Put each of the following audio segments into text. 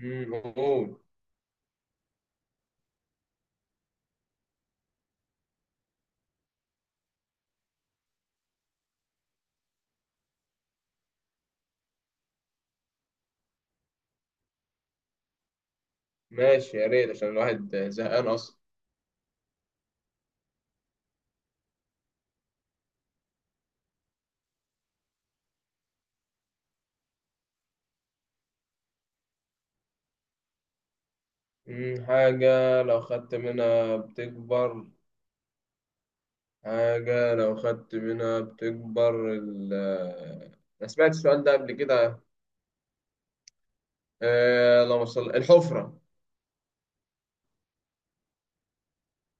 موجود. ماشي، يا ريت عشان الواحد زهقان أصلا. حاجة لو خدت منها بتكبر. حاجة لو خدت منها بتكبر ال آه، أنا سمعت السؤال ده قبل كده. لو وصل الحفرة.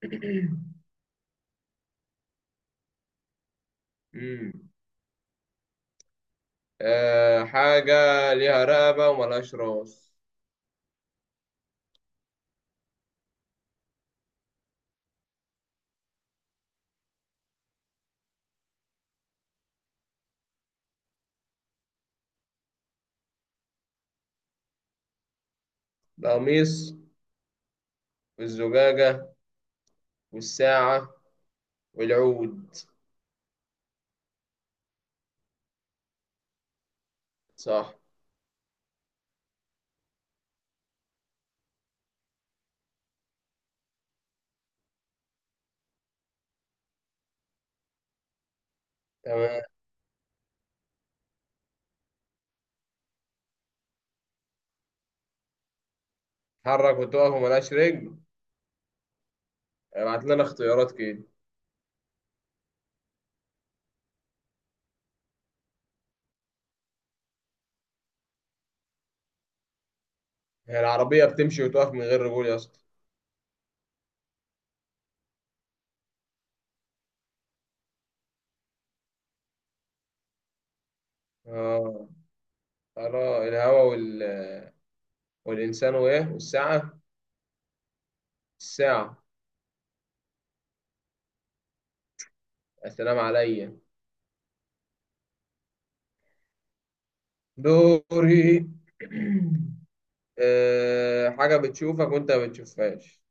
مم. حاجة ليها رقبة وملهاش راس. القميص والزجاجة والساعة والعود. صح. تمام. تتحرك وتقف وملهاش رجل. ابعت لنا اختيارات كده. هي العربية بتمشي وتقف من غير رجول يا اسطى؟ اه. ترى الهوا والإنسان وإيه والساعة. الساعة. السلام عليا. دوري. حاجة بتشوفك وأنت ما بتشوفهاش.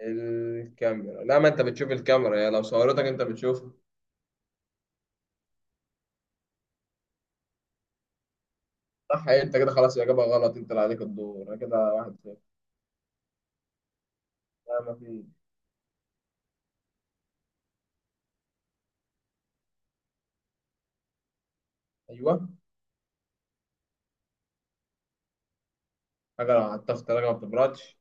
الكاميرا، لا، ما أنت بتشوف الكاميرا، يا لو صورتك أنت بتشوفها. صح. إيه، أنت كده خلاص، الإجابة غلط، أنت اللي عليك الدور، أنا كده 1-0. لا، ما في. أيوه. حاجة لو حطيتها في التلاجة ما بتبردش.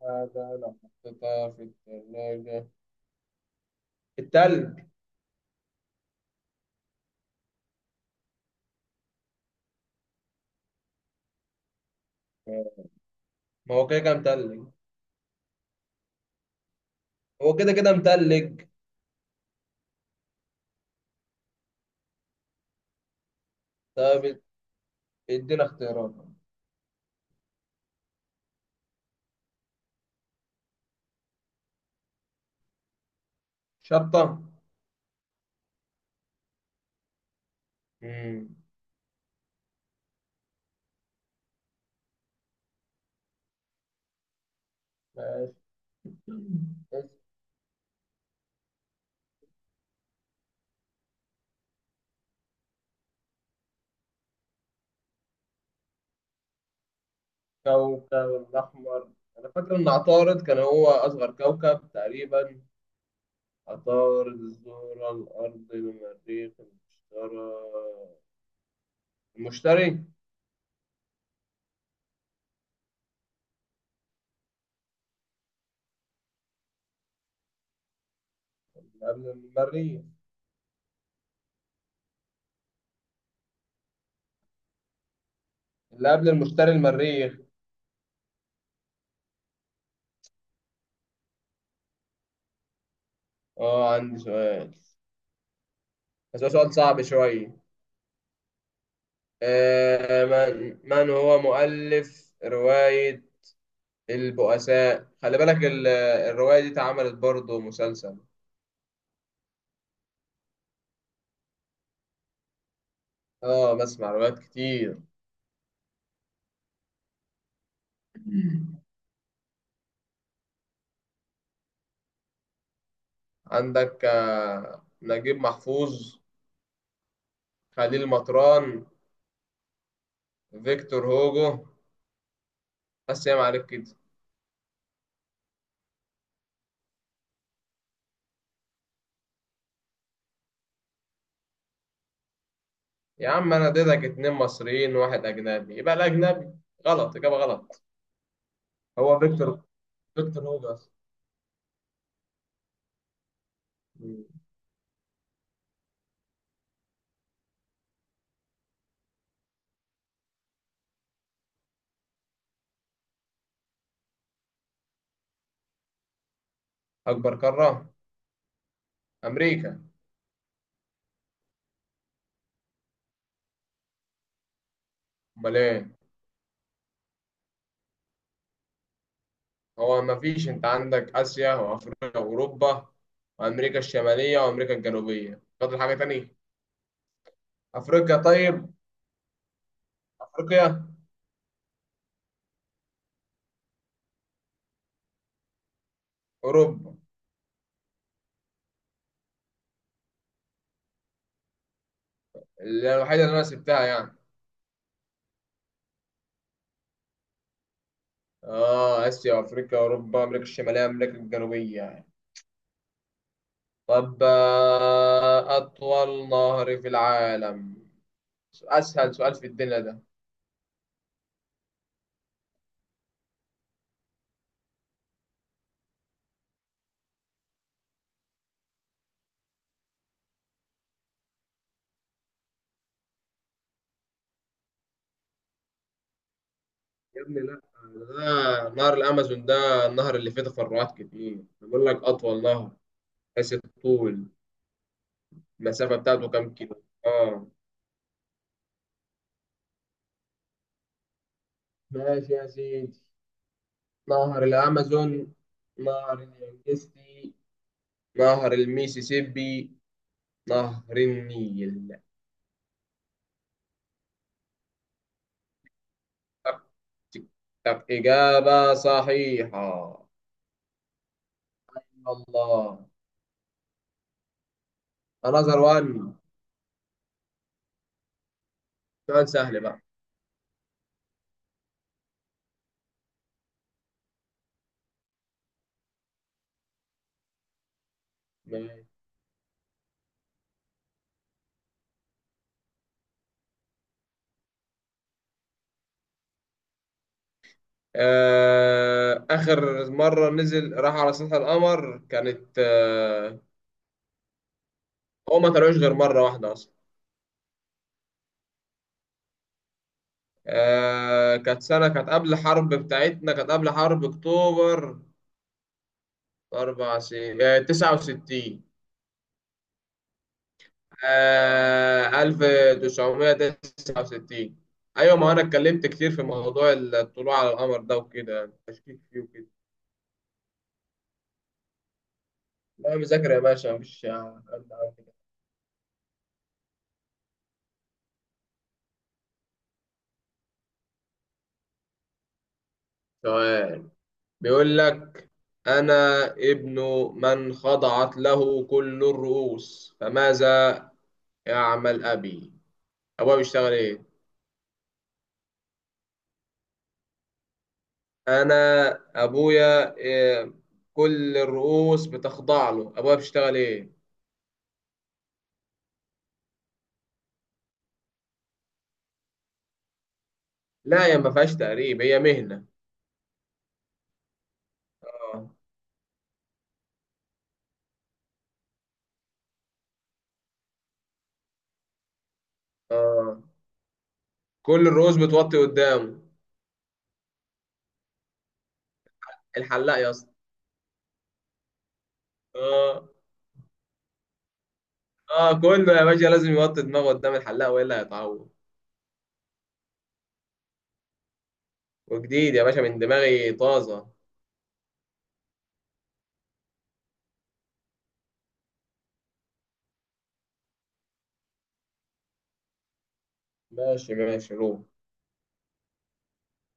حاجة لو حطيتها في التلاجة، التلج. ما هو كده كده متلج. هو كده كده متلج. طب، ادينا اختيارات. شطة. مم. ماشي. الكوكب الأحمر. أنا فاكر إن عطارد كان هو أصغر كوكب تقريبا. عطارد، الزهرة، الأرض، المريخ، المشتري. المشتري. اللي قبل المريخ. اللي قبل المشتري، المريخ. اه، عندي سؤال. بس هو سؤال صعب شوية. آه من هو مؤلف رواية البؤساء. خلي بالك، الرواية دي اتعملت برضه مسلسل. اه، بسمع روايات كتير. عندك نجيب محفوظ، خليل مطران، فيكتور هوجو. بس يا معلك كده. يا عم، انا اديتك اتنين مصريين وواحد اجنبي، يبقى الاجنبي. غلط، اجابه غلط. هو فيكتور. فيكتور هوجو أصلاً. اكبر قاره، امريكا. امال ايه؟ هو ما فيش، انت عندك اسيا وافريقيا واوروبا وامريكا الشماليه وامريكا الجنوبيه. فاضل حاجه تانية؟ افريقيا طيب. افريقيا. اوروبا. اللي الوحيده اللي انا سبتها يعني. اه، اسيا وافريقيا اوروبا امريكا الشماليه امريكا الجنوبيه يعني. طب، اطول نهر في العالم. اسهل سؤال في الدنيا ده. يا ابني لا، ده نهر الامازون، ده النهر اللي فيه تفرعات كتير، بقول لك اطول نهر، حيث الطول. المسافه بتاعته كام كيلو، اه. ماشي يا سيدي. نهر الأمازون، نهر اليانجستي، نهر الميسيسيبي، نهر النيل. تك، تك، تك، إجابة صحيحة. الله. أنظر وان. سؤال سهل بقى. ماشي. آخر مرة نزل راح على سطح القمر كانت هو ما طلعوش غير مرة واحدة أصلا. كانت سنة، كانت قبل الحرب بتاعتنا، كانت قبل حرب أكتوبر، 4 سنين 69. 1969. أيوة، ما أنا اتكلمت كتير في موضوع الطلوع على القمر ده وكده، يعني تشكيك فيه وكده. لا، مذاكرة يا باشا، مفيش حد عارف. سؤال، بيقول لك: أنا ابن من خضعت له كل الرؤوس، فماذا يعمل أبي؟ أبويا بيشتغل إيه؟ أنا أبويا إيه، كل الرؤوس بتخضع له، أبويا بيشتغل إيه؟ لا، هي ما فيهاش تقريب، هي مهنة. اه. اه، كل الرؤوس بتوطي قدامه. الحلاق يا اسطى. اه. اه، كله يا باشا لازم يوطي دماغه قدام الحلاق والا هيتعور. وجديد يا باشا، من دماغي طازة. ماشي ماشي، روح.